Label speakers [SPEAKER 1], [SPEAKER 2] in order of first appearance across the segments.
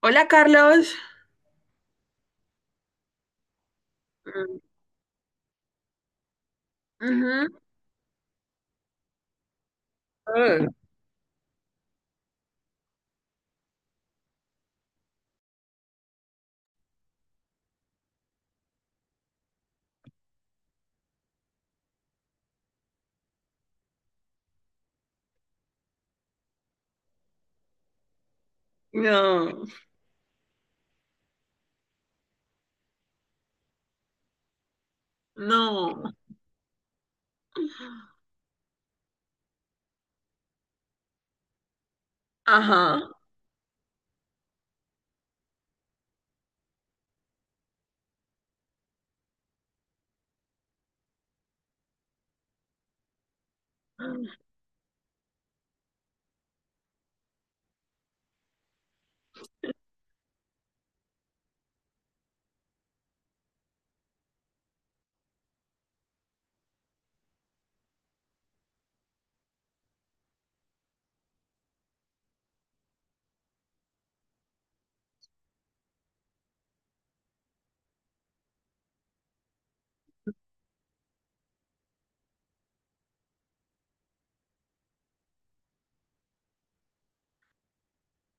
[SPEAKER 1] Hola, Carlos. Mm, ujú. Ah, no, no. Ajá.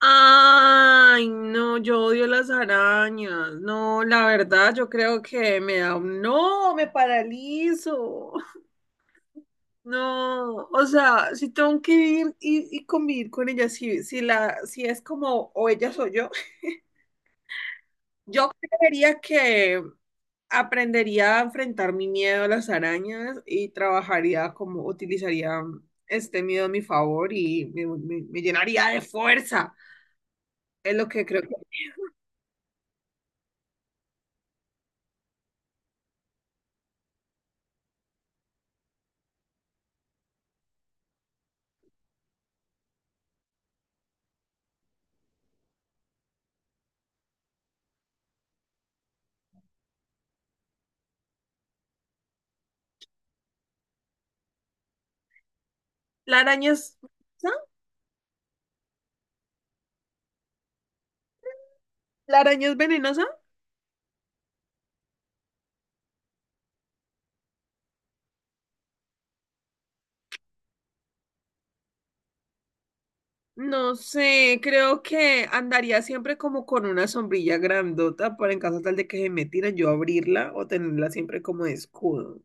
[SPEAKER 1] Ay, no, yo odio las arañas. No, la verdad, yo creo que me da un... No, me paralizo. No, o sea, si tengo que vivir y convivir con ellas, si, si, la, si es como o ellas o yo creería que aprendería a enfrentar mi miedo a las arañas y trabajaría como utilizaría este miedo a mi favor y me llenaría de fuerza. Es lo que creo que... ¿La araña es venenosa? ¿La araña es venenosa? No sé, creo que andaría siempre como con una sombrilla grandota para en caso tal de que se me tiren yo abrirla o tenerla siempre como de escudo.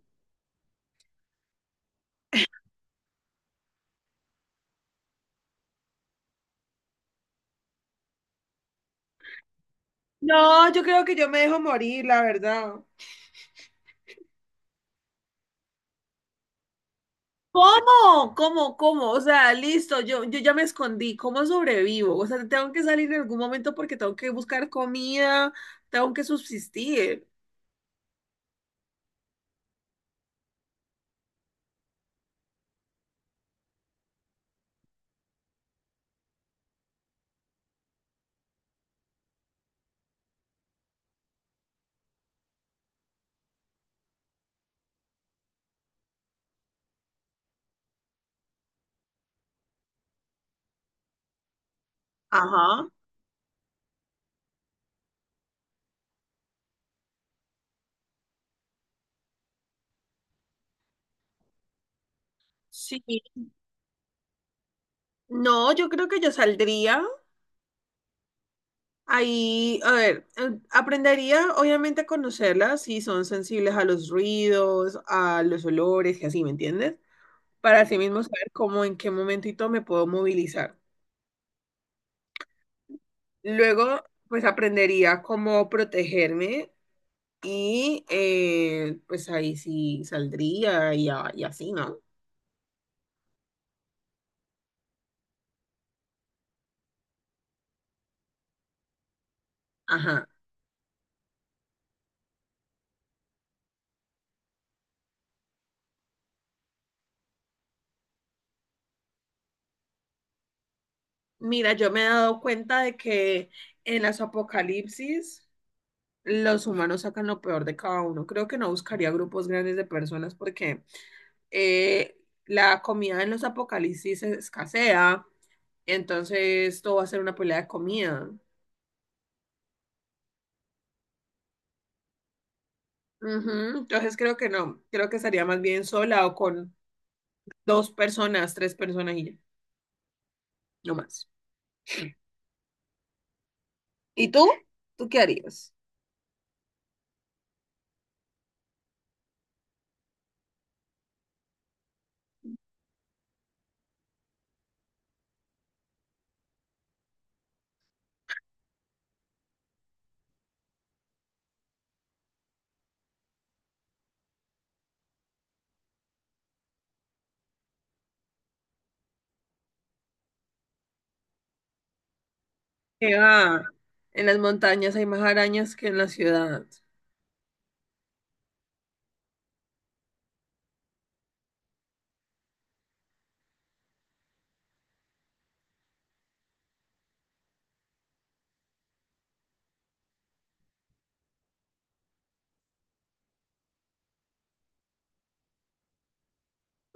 [SPEAKER 1] No, yo creo que yo me dejo morir, la verdad. ¿Cómo? ¿Cómo? ¿Cómo? O sea, listo, yo ya me escondí. ¿Cómo sobrevivo? O sea, tengo que salir en algún momento porque tengo que buscar comida, tengo que subsistir. Ajá. Sí. No, yo creo que yo saldría. Ahí, a ver, aprendería obviamente a conocerlas si son sensibles a los ruidos, a los olores y así, ¿me entiendes? Para así mismo saber cómo en qué momento y todo me puedo movilizar. Luego, pues aprendería cómo protegerme y pues ahí sí saldría y, y así, ¿no? Ajá. Mira, yo me he dado cuenta de que en las apocalipsis los humanos sacan lo peor de cada uno. Creo que no buscaría grupos grandes de personas porque eh, la comida en los apocalipsis escasea, entonces todo va a ser una pelea de comida. Ujú. Entonces creo que no, creo que estaría más bien sola o con dos personas, tres personas y ya, no más. ¿Y tú? ¿Tú qué harías? Que va, en las montañas hay más arañas que en la ciudad.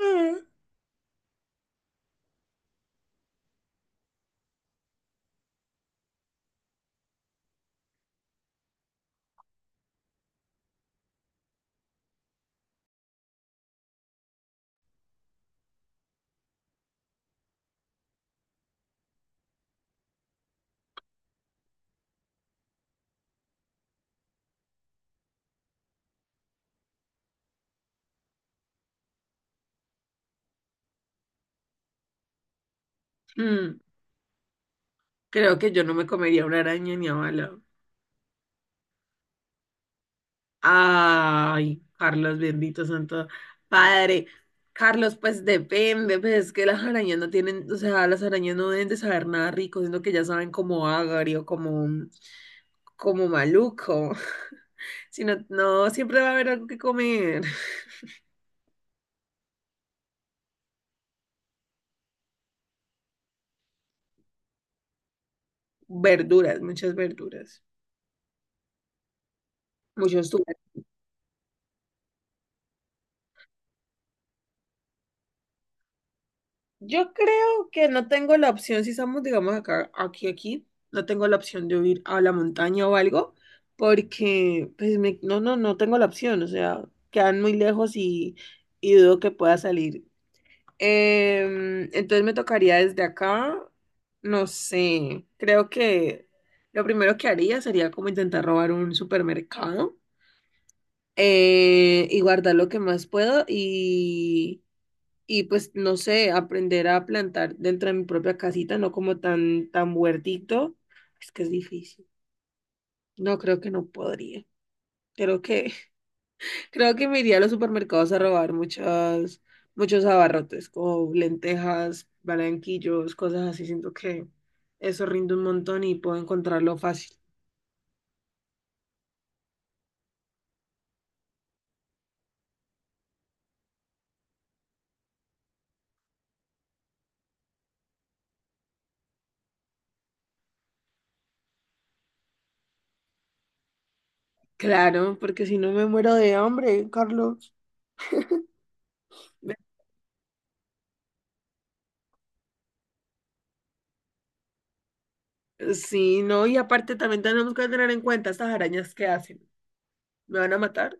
[SPEAKER 1] Mm. Mm, creo que yo no me comería una araña ni a bala. Ay, Carlos, bendito santo padre. Carlos, pues depende, pues es que las arañas no tienen, o sea, las arañas no deben de saber nada rico, sino que ya saben como agrio, como, como maluco. Si no, no, siempre va a haber algo que comer. Verduras, muchas verduras, muchos tubérculos. Yo creo que no tengo la opción, si estamos, digamos, acá, aquí, aquí, no tengo la opción de huir a la montaña o algo, porque, pues, no, no, no tengo la opción, o sea, quedan muy lejos y dudo que pueda salir. Entonces me tocaría desde acá, no sé, creo que lo primero que haría sería como intentar robar un supermercado y guardar lo que más puedo y pues no sé, aprender a plantar dentro de mi propia casita, no como tan, tan huertito, es que es difícil. No creo que no podría. Creo que, creo que me iría a los supermercados a robar muchas, muchos abarrotes, como lentejas, balanquillos, cosas así. Siento que eso rinde un montón y puedo encontrarlo fácil. Claro, porque si no me muero de hambre, Carlos. Me- Sí, no, y aparte también tenemos que tener en cuenta estas arañas que hacen. ¿Me van a matar?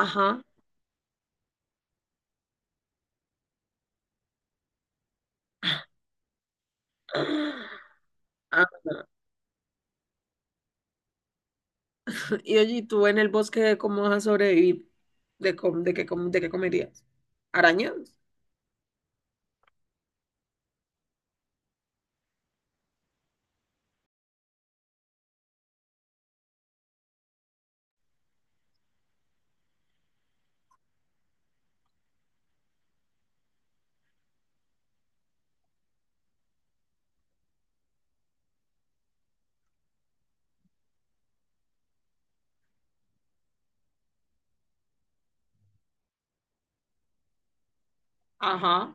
[SPEAKER 1] Ajá. Ah, y allí tú en el bosque, ¿cómo vas a sobrevivir? ¿De, com- de qué comerías? ¿Arañas? Ajá.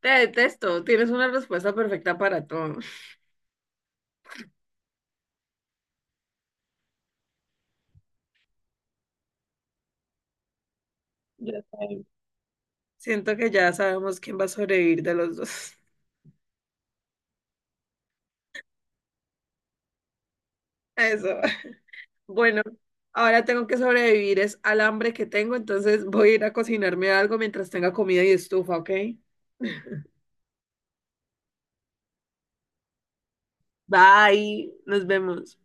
[SPEAKER 1] Te detesto. Tienes una respuesta perfecta para todo. Ya sabemos. Siento que ya sabemos quién va a sobrevivir de los dos. Eso. Bueno, ahora tengo que sobrevivir es al hambre que tengo, entonces voy a ir a cocinarme algo mientras tenga comida y estufa, ¿ok? Bye, nos vemos.